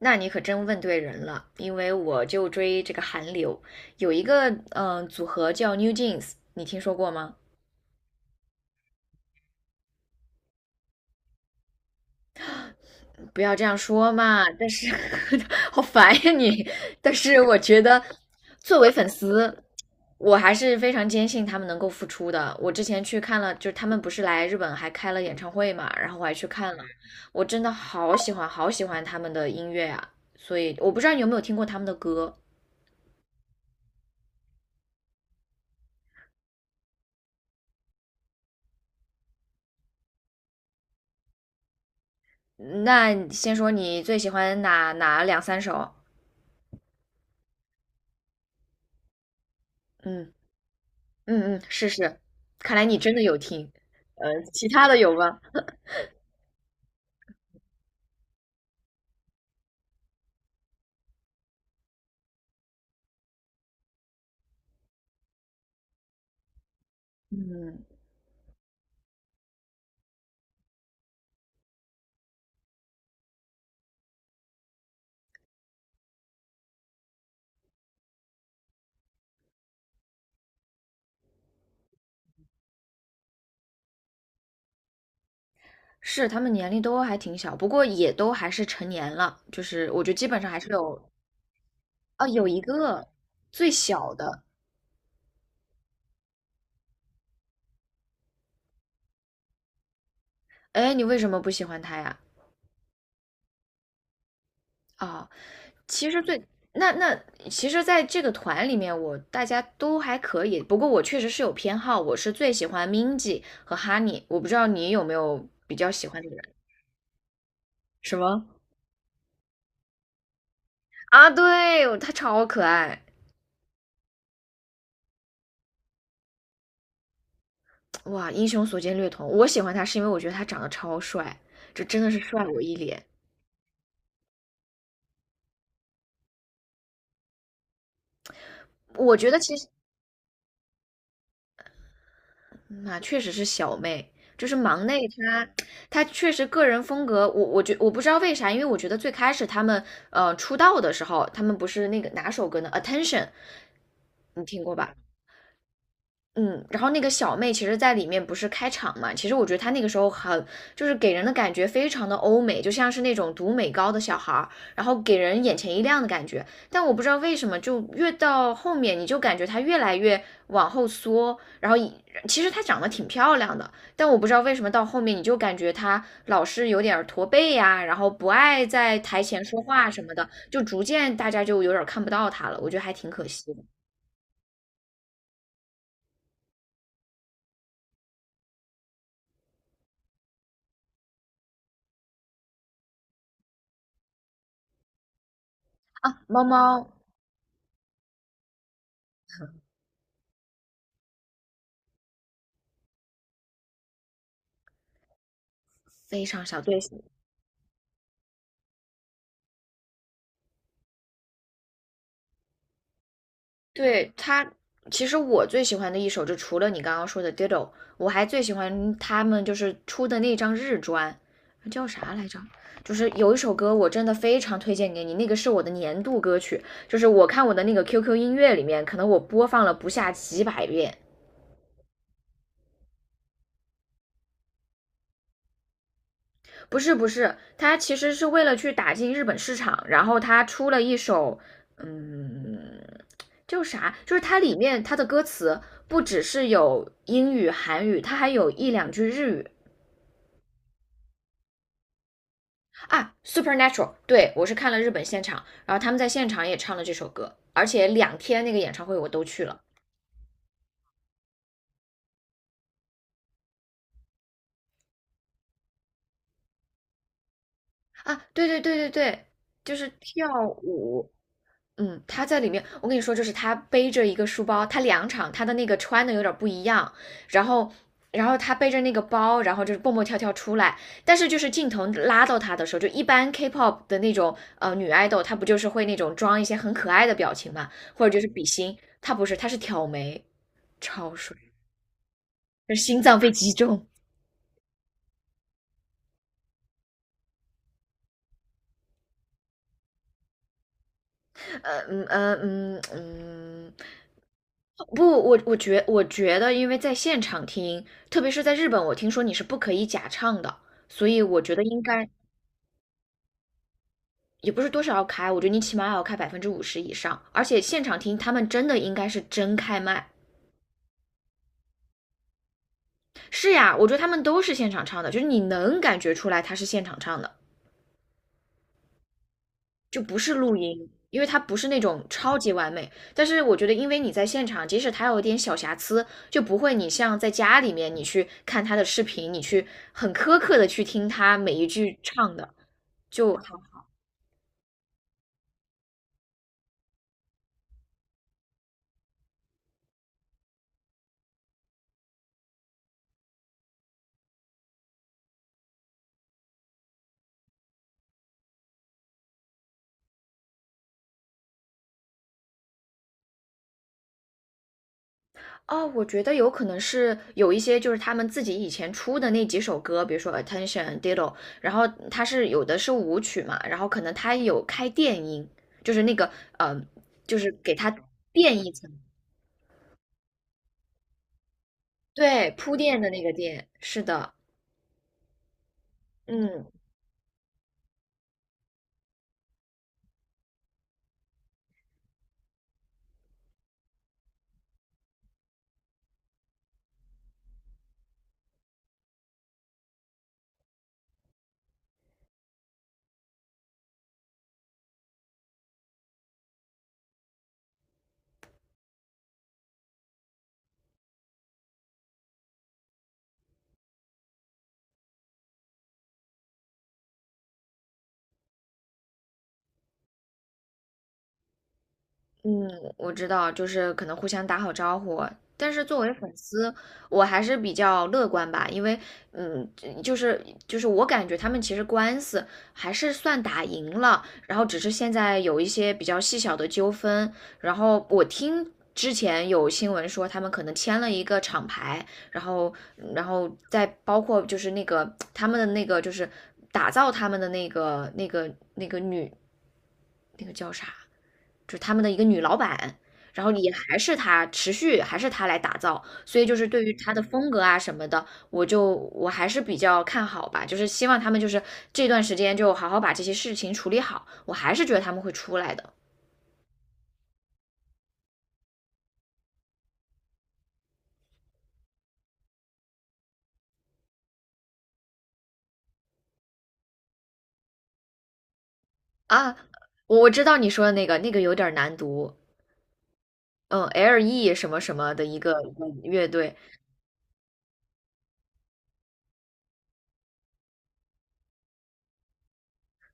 那你可真问对人了，因为我就追这个韩流，有一个组合叫 New Jeans，你听说过吗？不要这样说嘛，但是 好烦呀你。但是我觉得，作为粉丝，我还是非常坚信他们能够复出的。我之前去看了，就是他们不是来日本还开了演唱会嘛，然后我还去看了，我真的好喜欢好喜欢他们的音乐啊。所以我不知道你有没有听过他们的歌。那先说你最喜欢哪两三首？嗯嗯嗯，是是，看来你真的有听。呃，其他的有吗？嗯，是，他们年龄都还挺小，不过也都还是成年了，就是我觉得基本上还是有，哦，有一个最小的，哎，你为什么不喜欢他呀？啊、其实最那那其实，在这个团里面，我大家都还可以。不过我确实是有偏好，我是最喜欢 m i n g i 和 Honey。我不知道你有没有比较喜欢的人？什么？啊，对，他超可爱，哇，英雄所见略同。我喜欢他是因为我觉得他长得超帅，这真的是帅我一脸。我觉得其实那确实是小妹，就是忙内她，她确实个人风格，我不知道为啥，因为我觉得最开始他们出道的时候，他们不是那个哪首歌呢？Attention,你听过吧？嗯，然后那个小妹其实，在里面不是开场嘛？其实我觉得她那个时候很，就是给人的感觉非常的欧美，就像是那种读美高的小孩儿，然后给人眼前一亮的感觉。但我不知道为什么，就越到后面，你就感觉她越来越往后缩，然后其实她长得挺漂亮的，但我不知道为什么到后面，你就感觉她老是有点儿驼背呀、然后不爱在台前说话什么的，就逐渐大家就有点儿看不到她了，我觉得还挺可惜的啊。猫猫非常小队对，他，其实我最喜欢的一首，就除了你刚刚说的《Diddle》,我还最喜欢他们就是出的那张日专，叫啥来着？就是有一首歌，我真的非常推荐给你，那个是我的年度歌曲，就是我看我的那个 QQ 音乐里面，可能我播放了不下几百遍。不是不是，他其实是为了去打进日本市场，然后他出了一首，嗯，叫啥，就是它里面它的歌词不只是有英语、韩语，它还有一两句日语啊。Supernatural,对我是看了日本现场，然后他们在现场也唱了这首歌，而且两天那个演唱会我都去了啊。对对对对对，就是跳舞，他在里面，我跟你说，就是他背着一个书包，他两场他的那个穿的有点不一样，然后，然后他背着那个包，然后就是蹦蹦跳跳出来，但是就是镜头拉到他的时候，就一般 K-pop 的那种女爱豆，她不就是会那种装一些很可爱的表情嘛，或者就是比心，她不是，她是挑眉，超帅，就是心脏被击中。呃嗯呃嗯嗯，不，我觉得,因为在现场听，特别是在日本，我听说你是不可以假唱的，所以我觉得应该也不是多少要开，我觉得你起码要开50%以上，而且现场听他们真的应该是真开麦。是呀，我觉得他们都是现场唱的，就是你能感觉出来他是现场唱的。就不是录音，因为它不是那种超级完美。但是我觉得，因为你在现场，即使它有一点小瑕疵，就不会你像在家里面你去看他的视频，你去很苛刻的去听他每一句唱的。就好哦，我觉得有可能是有一些就是他们自己以前出的那几首歌，比如说《Attention》、《Diddle》,然后它是有的是舞曲嘛，然后可能它有开电音，就是那个就是给它垫一层，对，铺垫的那个垫，是的。嗯嗯，我知道，就是可能互相打好招呼。但是作为粉丝，我还是比较乐观吧，因为嗯，就是我感觉他们其实官司还是算打赢了，然后只是现在有一些比较细小的纠纷。然后我听之前有新闻说他们可能签了一个厂牌，然后再包括就是那个他们的那个就是打造他们的那个那个那个女就是他们的一个女老板，然后也还是她，持续还是她来打造，所以就是对于她的风格啊什么的，我还是比较看好吧，就是希望他们就是这段时间就好好把这些事情处理好，我还是觉得他们会出来的啊。我知道你说的那个，那个有点难读，嗯，L.E 什么什么的一个乐队，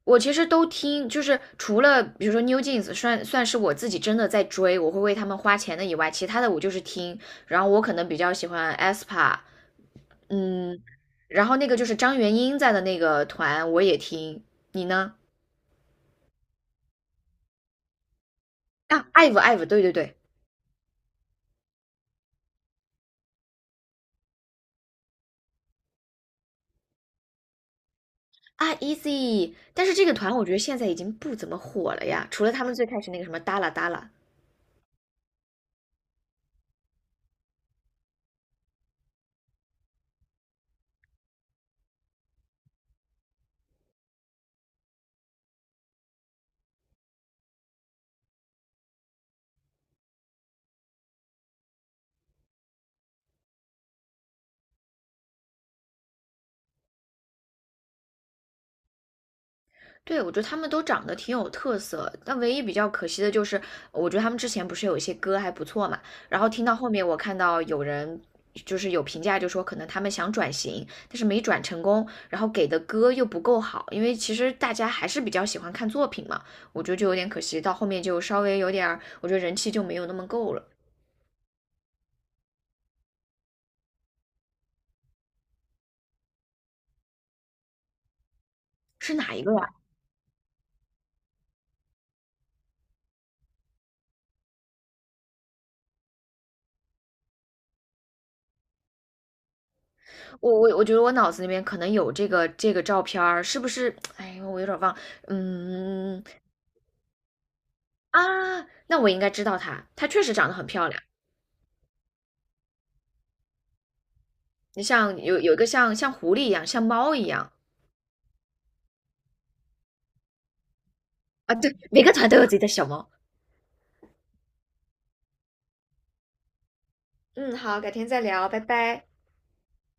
我其实都听，就是除了比如说 New Jeans 算是我自己真的在追，我会为他们花钱的以外，其他的我就是听。然后我可能比较喜欢 aespa,嗯，然后那个就是张元英在的那个团我也听。你呢？啊，IVE IVE,对对对，啊 Easy。但是这个团我觉得现在已经不怎么火了呀，除了他们最开始那个什么哒啦哒啦，对，我觉得他们都长得挺有特色，但唯一比较可惜的就是，我觉得他们之前不是有一些歌还不错嘛，然后听到后面我看到有人就是有评价就说可能他们想转型，但是没转成功，然后给的歌又不够好，因为其实大家还是比较喜欢看作品嘛，我觉得就有点可惜，到后面就稍微有点儿我觉得人气就没有那么够了。是哪一个呀？我觉得我脑子里面可能有这个照片儿是不是？哎，我有点儿忘。嗯，啊，那我应该知道它，它确实长得很漂亮。你像有一个像狐狸一样，像猫一样啊，对，每个团都有自己的小猫。嗯，好，改天再聊，拜拜。